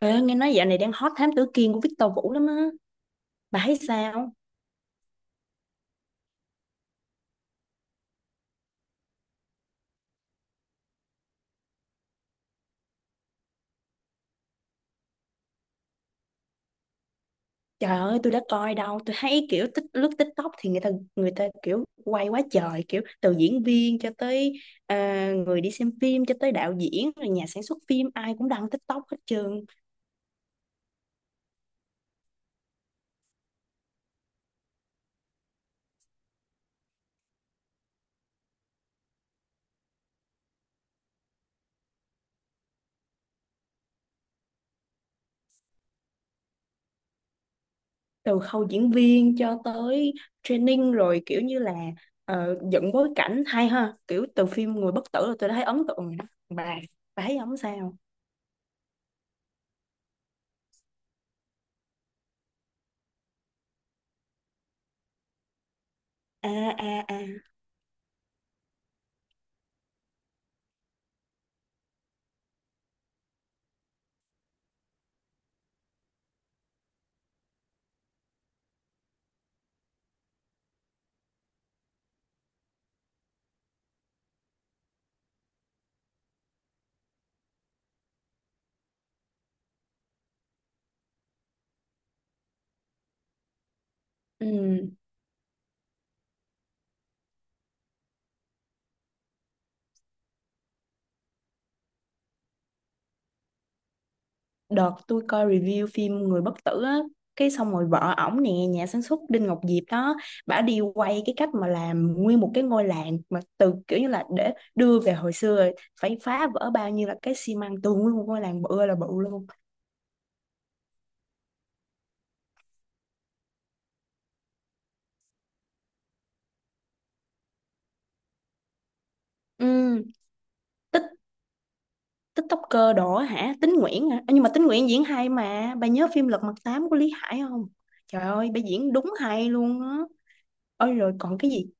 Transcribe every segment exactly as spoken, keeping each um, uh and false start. Ê, nghe nói dạo này đang hot Thám Tử Kiên của Victor Vũ lắm á. Bà thấy sao? Trời ơi, tôi đã coi đâu. Tôi thấy kiểu tích lướt TikTok thì người ta người ta kiểu quay quá trời, kiểu từ diễn viên cho tới à, người đi xem phim cho tới đạo diễn rồi nhà sản xuất phim ai cũng đăng TikTok hết trơn. Từ khâu diễn viên cho tới training rồi kiểu như là ờ, dựng bối cảnh hay ha. Kiểu từ phim Người Bất Tử là tôi đã thấy ấn tượng rồi đó. Bà, bà thấy không sao? À à à. Ừ. Đợt tôi coi review phim Người bất tử á, cái xong rồi vợ ổng nè, nhà sản xuất Đinh Ngọc Diệp đó, bả đi quay cái cách mà làm nguyên một cái ngôi làng mà từ kiểu như là để đưa về hồi xưa rồi, phải phá vỡ bao nhiêu là cái xi măng tường nguyên một ngôi làng bự ơi là bự luôn. Ừ, tích TikToker đỏ hả, Tín Nguyễn hả? Ơ, nhưng mà Tín Nguyễn diễn hay mà, bà nhớ phim Lật Mặt Tám của Lý Hải không? Trời ơi bà diễn đúng hay luôn á. Ôi rồi còn cái gì,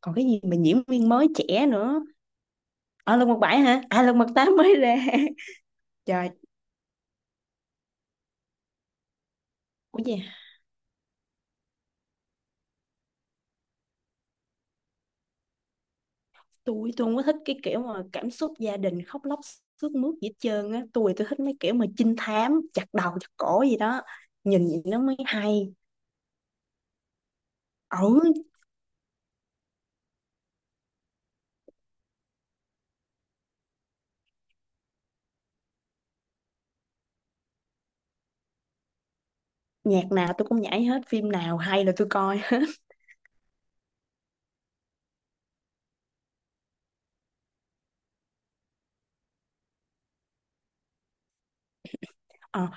còn cái gì mà diễn viên mới trẻ nữa ở Lật Mặt Bảy hả? À Lật Mặt Tám mới ra trời, ủa gì, tôi tôi không có thích cái kiểu mà cảm xúc gia đình khóc lóc sướt mướt gì hết trơn á, tôi tôi thích mấy kiểu mà trinh thám chặt đầu chặt cổ gì đó, nhìn vậy nó mới hay. Ừ, nhạc nào tôi cũng nhảy hết, phim nào hay là tôi coi hết Ờ,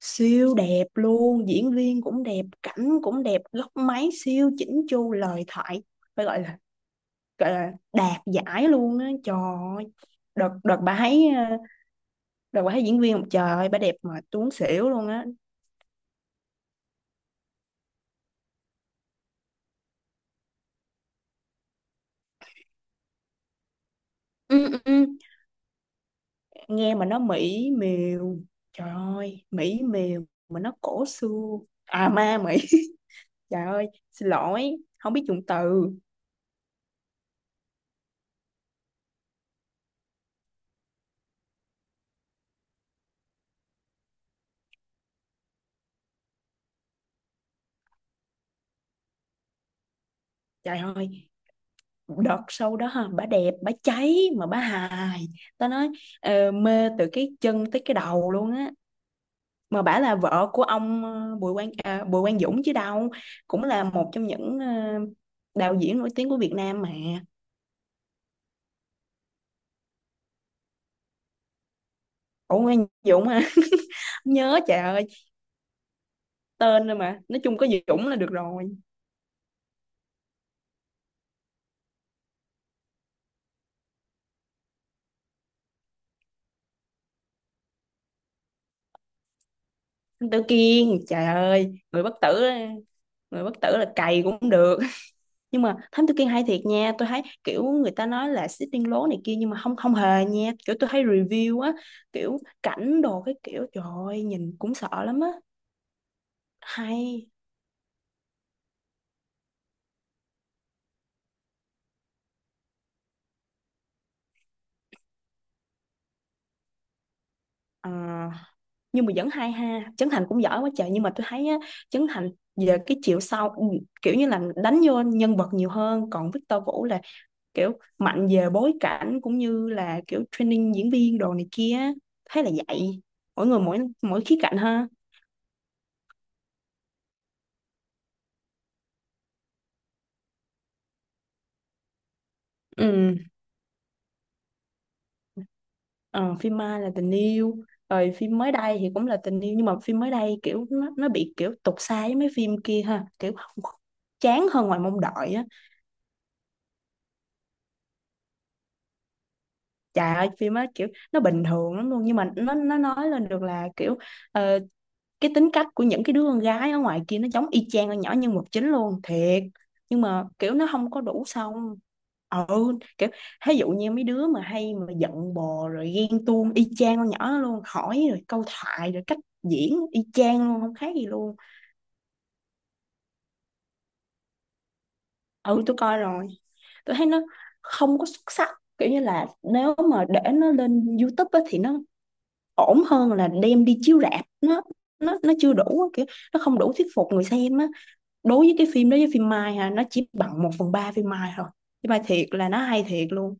siêu đẹp luôn, diễn viên cũng đẹp, cảnh cũng đẹp, góc máy siêu chỉnh chu, lời thoại phải gọi là, gọi là đạt giải luôn á trời ơi. Đợt đợt bà thấy ờ, đợt bà thấy diễn viên một, trời ơi bà đẹp mà tuấn xỉu luôn á. Ừ, ừ, ừ. Nghe mà nó mỹ miều, trời ơi mỹ miều mà nó cổ xưa. À ma mỹ trời ơi xin lỗi, không biết dùng từ. Trời ơi đợt sau đó ha, bà đẹp bà cháy mà bà hài, tao nói, ờ, mê từ cái chân tới cái đầu luôn á. Mà bả là vợ của ông ờ, Bùi Quang, à, Bùi Quang Dũng chứ đâu, cũng là một trong những ờ, đạo diễn nổi tiếng của Việt Nam mà. Ủa Quang Dũng à nhớ trời ơi, tên thôi mà nói chung có Dũng là được rồi. Anh Tử Kiên, trời ơi người bất tử, người bất tử là cày cũng được nhưng mà Thám Tử Kiên hay thiệt nha, tôi thấy kiểu người ta nói là xích Sitting lố này kia nhưng mà không không hề nha, kiểu tôi thấy review á, kiểu cảnh đồ cái kiểu trời ơi nhìn cũng sợ lắm á, hay. Ờ nhưng mà vẫn hay ha, Trấn Thành cũng giỏi quá trời nhưng mà tôi thấy á, Trấn Thành về cái chiều sau, ừ, kiểu như là đánh vô nhân vật nhiều hơn, còn Victor Vũ là kiểu mạnh về bối cảnh cũng như là kiểu training diễn viên đồ này kia, thấy là vậy. Mỗi người mỗi mỗi khía cạnh ha. Ừ. Ờ, phim Mai là tình yêu, rồi phim mới đây thì cũng là tình yêu nhưng mà phim mới đây kiểu nó nó bị kiểu tục sai với mấy phim kia ha, kiểu không, chán hơn ngoài mong đợi á. Trời ơi phim á kiểu nó bình thường lắm luôn nhưng mà nó nó nói lên được là kiểu ờ, cái tính cách của những cái đứa con gái ở ngoài kia nó giống y chang con nhỏ nhân vật chính luôn thiệt, nhưng mà kiểu nó không có đủ xong. Ừ, kiểu ví dụ như mấy đứa mà hay mà giận bò rồi ghen tuông y chang con nhỏ đó luôn, hỏi rồi câu thoại rồi cách diễn y chang luôn không khác gì luôn. Ừ tôi coi rồi, tôi thấy nó không có xuất sắc, kiểu như là nếu mà để nó lên YouTube á, thì nó ổn hơn là đem đi chiếu rạp, nó nó nó chưa đủ, kiểu nó không đủ thuyết phục người xem á. Đối với cái phim đó với phim Mai ha, nó chỉ bằng một phần ba phim Mai thôi, phim Mai thiệt là nó hay thiệt luôn.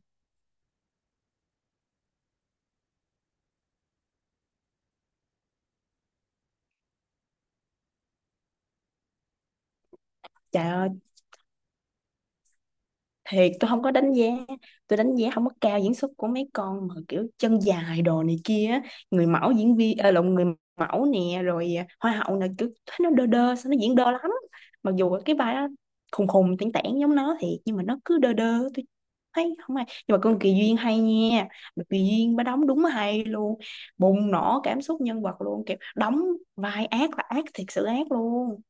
Trời ơi, thiệt tôi không có đánh giá, tôi đánh giá không có cao diễn xuất của mấy con mà kiểu chân dài đồ này kia á. Người mẫu diễn viên, ờ, lộn, người mẫu nè, rồi à, hoa hậu nè, kiểu thấy nó đơ đơ sao, nó diễn đơ lắm. Mặc dù cái vai đó khùng khùng tẻn tảng giống nó thiệt nhưng mà nó cứ đơ đơ, tôi thấy không ai, nhưng mà con Kỳ Duyên hay nha. Mà Kỳ Duyên bà đóng đúng hay luôn, bùng nổ cảm xúc nhân vật luôn, kiểu đóng vai ác là ác thiệt sự ác luôn.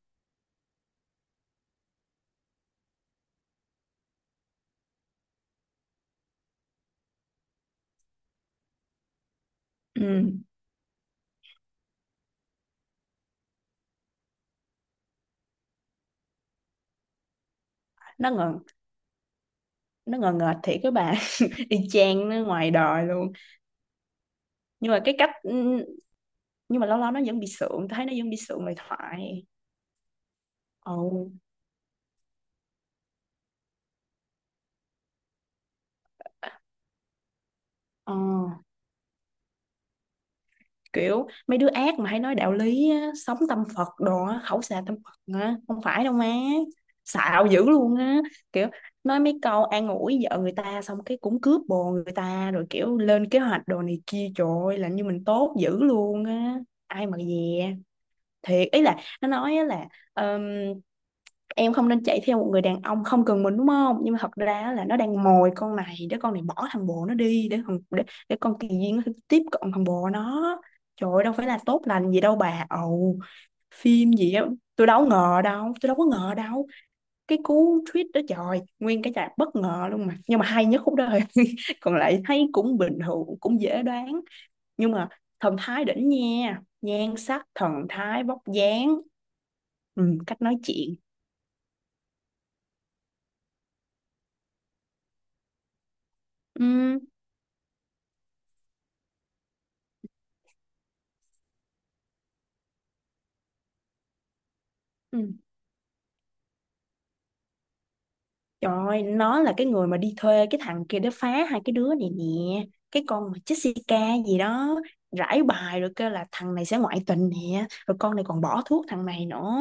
Ừ. nó ngờ nó ngờ ngợt thiệt các bạn, y chang nó ngoài đời luôn. Nhưng mà cái cách, nhưng mà lâu lâu nó vẫn bị sượng, thấy nó vẫn bị sượng lời thoại. Ồ. Ờ, kiểu mấy đứa ác mà hay nói đạo lý á, sống tâm Phật đồ á, khẩu xà tâm Phật á không phải đâu má, xạo dữ luôn á, kiểu nói mấy câu an ủi vợ người ta xong cái cũng cướp bồ người ta rồi kiểu lên kế hoạch đồ này kia, trời ơi làm như mình tốt dữ luôn á, ai mà dè. Thiệt ý là nó nói á là ờm, em không nên chạy theo một người đàn ông không cần mình đúng không, nhưng mà thật ra là nó đang mồi con này để con này bỏ thằng bồ nó đi, để thằng để, để con kỳ duyên nó tiếp cận thằng bồ nó. Trời ơi, đâu phải là tốt lành gì đâu bà ầu. Phim gì á, tôi đâu ngờ đâu tôi đâu có ngờ đâu, cái cú tweet đó trời nguyên cái chạc bất ngờ luôn, mà nhưng mà hay nhất khúc đó thôi còn lại thấy cũng bình thường cũng dễ đoán. Nhưng mà thần thái đỉnh nha, nhan sắc thần thái vóc dáng, ừ, cách nói chuyện. Ừ. Ừ. Trời ơi, nó là cái người mà đi thuê cái thằng kia để phá hai cái đứa này nè. Cái con mà Jessica gì đó, rải bài rồi kêu là thằng này sẽ ngoại tình nè, rồi con này còn bỏ thuốc thằng này nữa.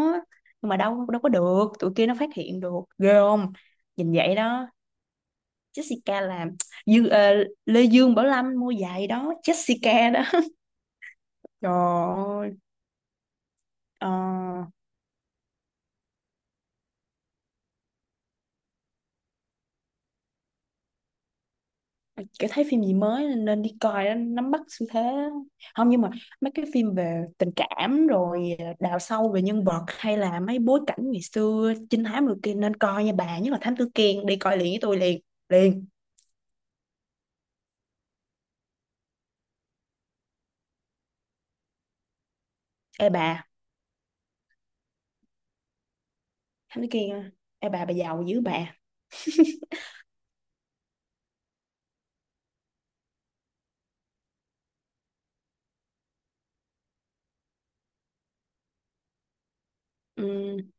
Nhưng mà đâu đâu có được, tụi kia nó phát hiện được. Ghê không? Nhìn vậy đó. Jessica là Dương, ờ, Lê Dương Bảo Lâm mua giày đó, Jessica đó. Trời ơi. Ờ, kiểu thấy phim gì mới nên đi coi đó, nắm bắt xu thế. Không nhưng mà mấy cái phim về tình cảm rồi ờ, đào sâu về nhân vật hay là mấy bối cảnh ngày xưa trinh thám rồi kia nên coi nha bà, nhất là Thám Tử Kiên, đi coi liền với tôi liền, liền. Ê bà, Thám Tử Kiên à? Ê bà bà giàu dữ bà. Ừ.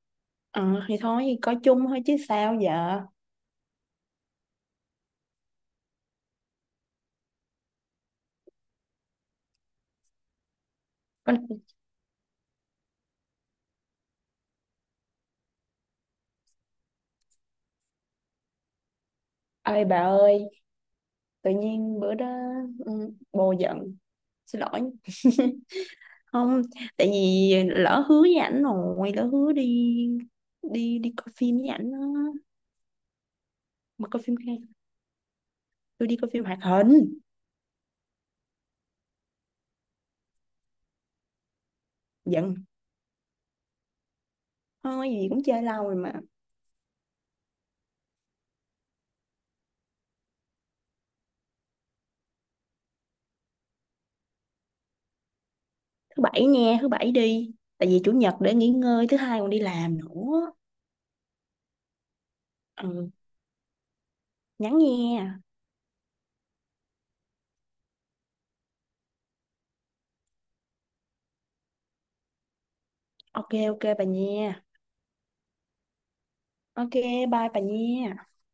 Ờ thì thôi coi chung thôi chứ sao giờ. Con ơi bà ơi, tự nhiên bữa đó, ừ, bồ giận, xin lỗi không, tại vì lỡ hứa với ảnh rồi, lỡ hứa đi đi đi coi phim với ảnh đó. Mà coi phim khác, tôi đi coi phim hoạt hình. Giận thôi gì, cũng chơi lâu rồi mà. Thứ bảy nha, thứ bảy đi, tại vì chủ nhật để nghỉ ngơi, thứ hai còn đi làm nữa. Ừ, nhắn nha. Ok ok bà nha. Ok bye bà nha.